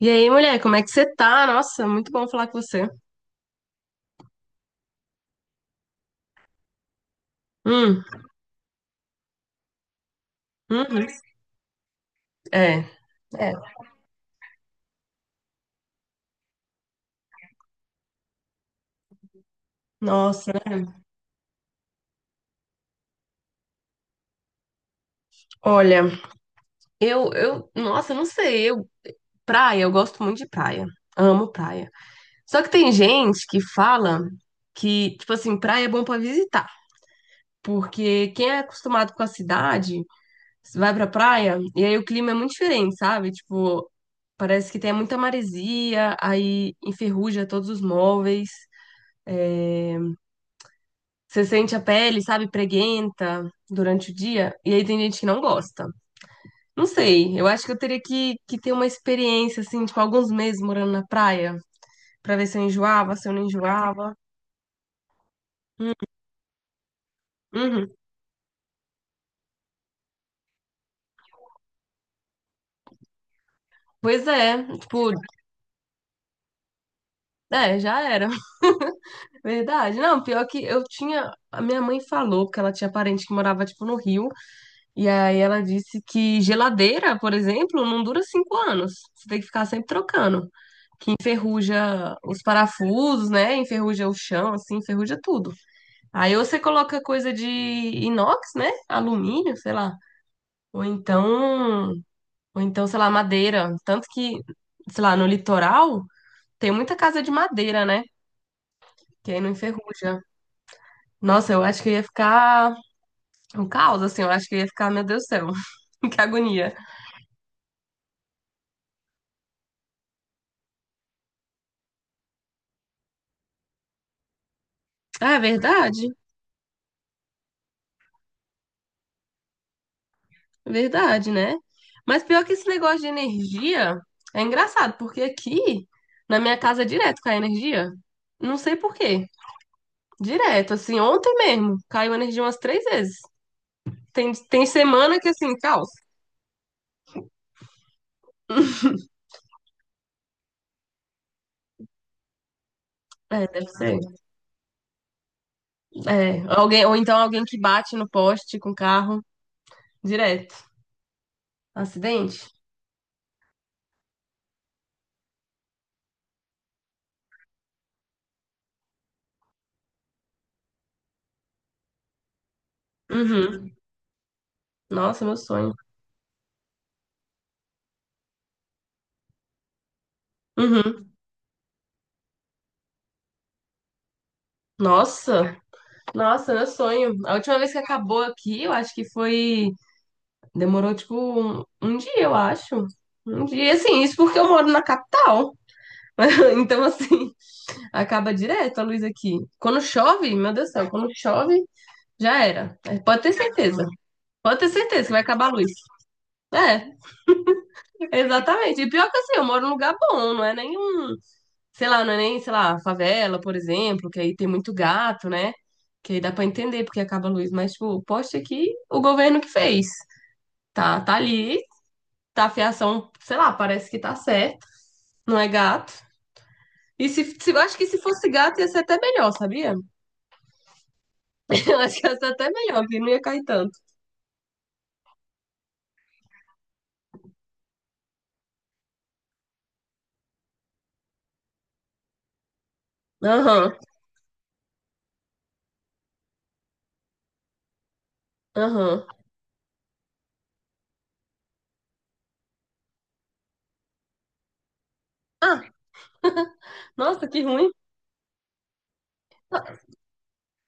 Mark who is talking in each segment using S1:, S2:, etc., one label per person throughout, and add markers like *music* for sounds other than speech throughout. S1: E aí, mulher, como é que você tá? Nossa, muito bom falar com você. Hum. Uhum. É, é. Nossa, né? Olha, eu, nossa, eu não sei, praia, eu gosto muito de praia. Amo praia. Só que tem gente que fala que, tipo assim, praia é bom pra visitar. Porque quem é acostumado com a cidade, vai pra praia, e aí o clima é muito diferente, sabe? Tipo, parece que tem muita maresia, aí enferruja todos os móveis. Você sente a pele, sabe, preguenta durante o dia, e aí tem gente que não gosta. Não sei, eu acho que eu teria que ter uma experiência, assim, tipo, alguns meses morando na praia, pra ver se eu enjoava, se eu não enjoava. Uhum. Pois é, tipo, é, já era. *laughs* Verdade. Não, pior que eu tinha. A minha mãe falou que ela tinha parente que morava, tipo, no Rio, e aí ela disse que geladeira, por exemplo, não dura 5 anos. Você tem que ficar sempre trocando. Que enferruja os parafusos, né? Enferruja o chão, assim, enferruja tudo. Aí ou você coloca coisa de inox, né? Alumínio, sei lá. Ou então, ou então, sei lá, madeira. Tanto que, sei lá, no litoral tem muita casa de madeira, né? Que aí não enferruja. Nossa, eu acho que eu ia ficar um caos, assim, eu acho que eu ia ficar, meu Deus do céu, *laughs* que agonia. Ah, é verdade? Verdade, né? Mas pior que esse negócio de energia é engraçado, porque aqui na minha casa direto cai energia. Não sei por quê. Direto, assim, ontem mesmo caiu energia umas 3 vezes. Tem, tem semana que assim, caos. É, deve ser. É, alguém, ou então alguém que bate no poste com carro direto. Acidente? Uhum. Nossa, meu sonho. Uhum. Nossa, nossa, meu sonho. A última vez que acabou aqui, eu acho que foi. Demorou, tipo, um dia, eu acho. Um dia, assim, isso porque eu moro na capital. *laughs* Então, assim, acaba direto a luz aqui. Quando chove, meu Deus do céu, quando chove, já era. É, pode ter certeza. Pode ter certeza que vai acabar a luz. É, exatamente. E pior que assim, eu moro num lugar bom, não é nenhum, sei lá, não é nem, sei lá, favela, por exemplo, que aí tem muito gato, né? Que aí dá pra entender porque acaba a luz. Mas, tipo, o poste aqui, o governo que fez. Tá, tá ali tá, a fiação, sei lá, parece que tá certo, não é gato. E se eu acho que se fosse gato ia ser até melhor, sabia? *laughs* Eu acho que ia ser até melhor, que não ia cair tanto. Aham, aham. Ah, nossa, que ruim.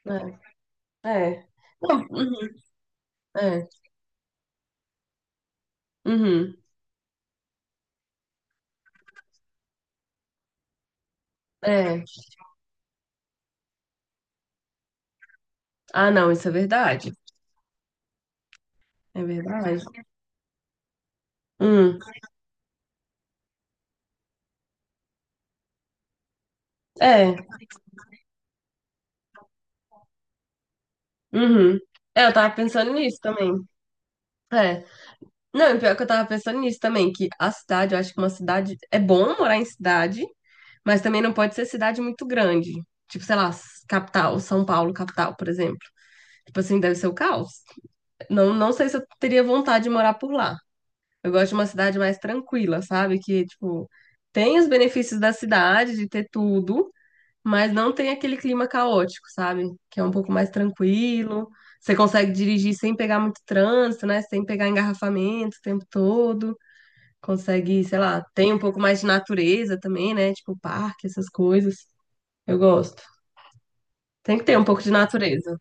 S1: É, é. Não, uhum, é, uhum, é. Ah, não, isso é verdade. É verdade. Hum, é, uhum. É, eu tava pensando nisso também. É. Não, e pior que eu tava pensando nisso também, que a cidade, eu acho que uma cidade. É bom morar em cidade, mas também não pode ser cidade muito grande. Tipo, sei lá, capital, São Paulo, capital, por exemplo. Tipo assim, deve ser o caos. Não, não sei se eu teria vontade de morar por lá. Eu gosto de uma cidade mais tranquila, sabe? Que, tipo, tem os benefícios da cidade, de ter tudo, mas não tem aquele clima caótico, sabe? Que é um pouco mais tranquilo. Você consegue dirigir sem pegar muito trânsito, né? Sem pegar engarrafamento o tempo todo. Consegue, sei lá, tem um pouco mais de natureza também, né? Tipo, parque, essas coisas. Eu gosto. Tem que ter um pouco de natureza.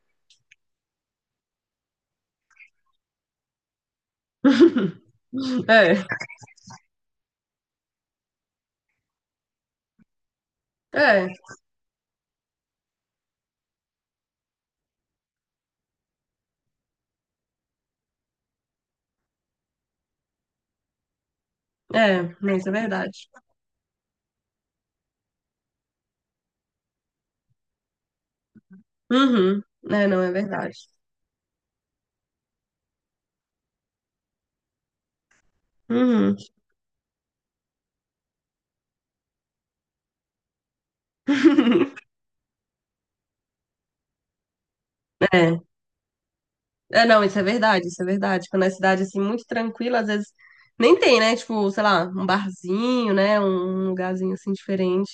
S1: É, é, é, não, isso é verdade. Uhum. É, não, é verdade. Uhum. *laughs* É. É, não, isso é verdade, isso é verdade. Quando é cidade assim muito tranquila, às vezes nem tem, né? Tipo, sei lá, um barzinho, né? Um lugarzinho assim diferente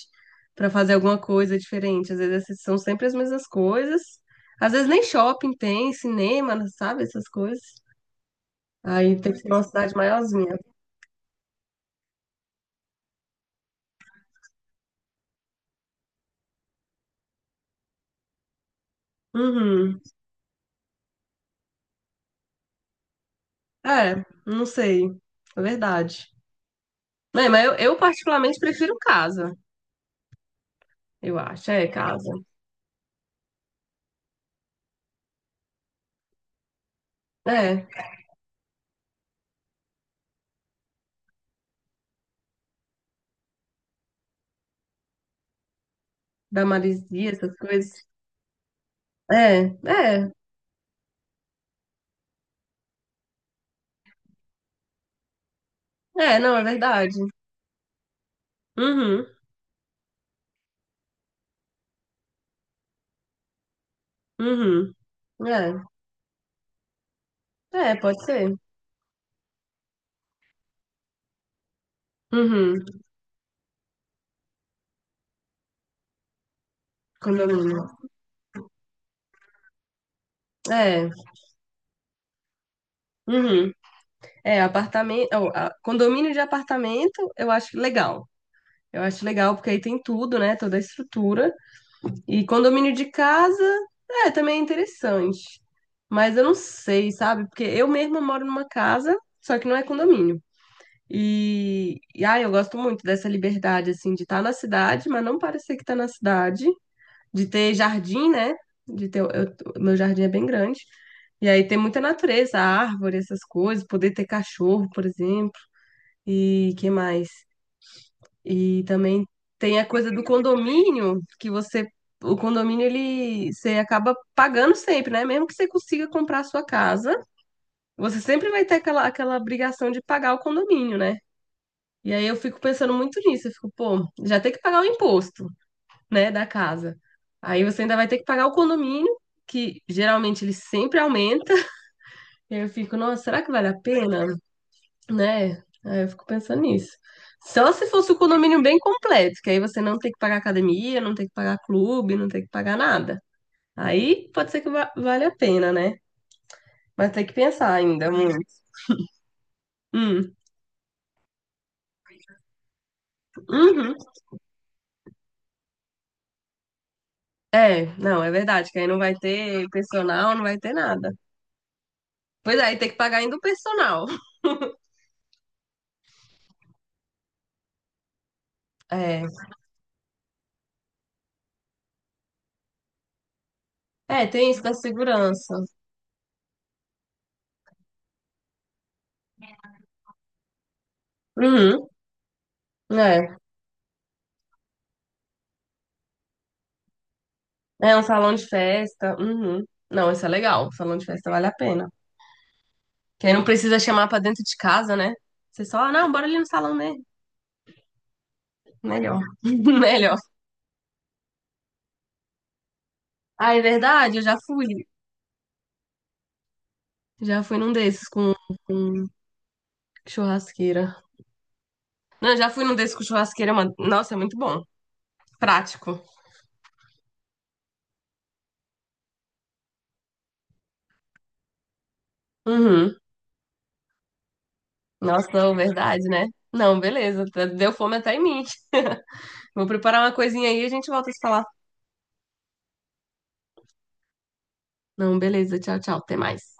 S1: pra fazer alguma coisa diferente. Às vezes essas são sempre as mesmas coisas. Às vezes nem shopping tem, cinema, sabe? Essas coisas. Aí tem que ser uma cidade maiorzinha. Uhum. É, não sei. É verdade. É, mas eu particularmente prefiro casa, eu acho. É, casa. É, da maresia, essas coisas. É, é, é, não, é verdade. Uhum, uhum. É, é, pode ser. Uhum, condomínio. É, uhum. É, apartamento. Ó, condomínio de apartamento, eu acho legal. Eu acho legal porque aí tem tudo, né? Toda a estrutura. E condomínio de casa, é, também é interessante. Mas eu não sei, sabe? Porque eu mesma moro numa casa, só que não é condomínio. E ai, eu gosto muito dessa liberdade, assim, de estar na cidade, mas não parecer que tá na cidade, de ter jardim, né? De ter, meu jardim é bem grande. E aí tem muita natureza, árvore, essas coisas, poder ter cachorro, por exemplo. E que mais? E também tem a coisa do condomínio, que você, o condomínio ele você acaba pagando sempre, né? Mesmo que você consiga comprar a sua casa, você sempre vai ter aquela, aquela obrigação de pagar o condomínio, né? E aí eu fico pensando muito nisso, eu fico, pô, já tem que pagar o imposto, né, da casa. Aí você ainda vai ter que pagar o condomínio, que geralmente ele sempre aumenta. *laughs* E aí eu fico, nossa, será que vale a pena? Né? Aí eu fico pensando nisso. Só se fosse o condomínio bem completo, que aí você não tem que pagar academia, não tem que pagar clube, não tem que pagar nada. Aí pode ser que va vale a pena, né? Mas tem que pensar ainda muito. Hum, uhum. É, não, é verdade, que aí não vai ter personal, não vai ter nada. Pois é, aí tem que pagar ainda o personal. É, é, tem isso da segurança. Uhum, é, é um salão de festa. Uhum. Não, isso é legal, salão de festa vale a pena. Que aí não precisa chamar pra dentro de casa, né? Você só, ah, não, bora ali no salão dele. Melhor. *laughs* Melhor. Ah, é verdade, eu já fui. Já fui num desses com churrasqueira. Não, eu já fui num desses com churrasqueira, mano. Nossa, é muito bom. Prático. Uhum. Nossa, verdade, né? Não, beleza. Deu fome até em mim. *laughs* Vou preparar uma coisinha aí e a gente volta a se falar. Não, beleza. Tchau, tchau. Até mais.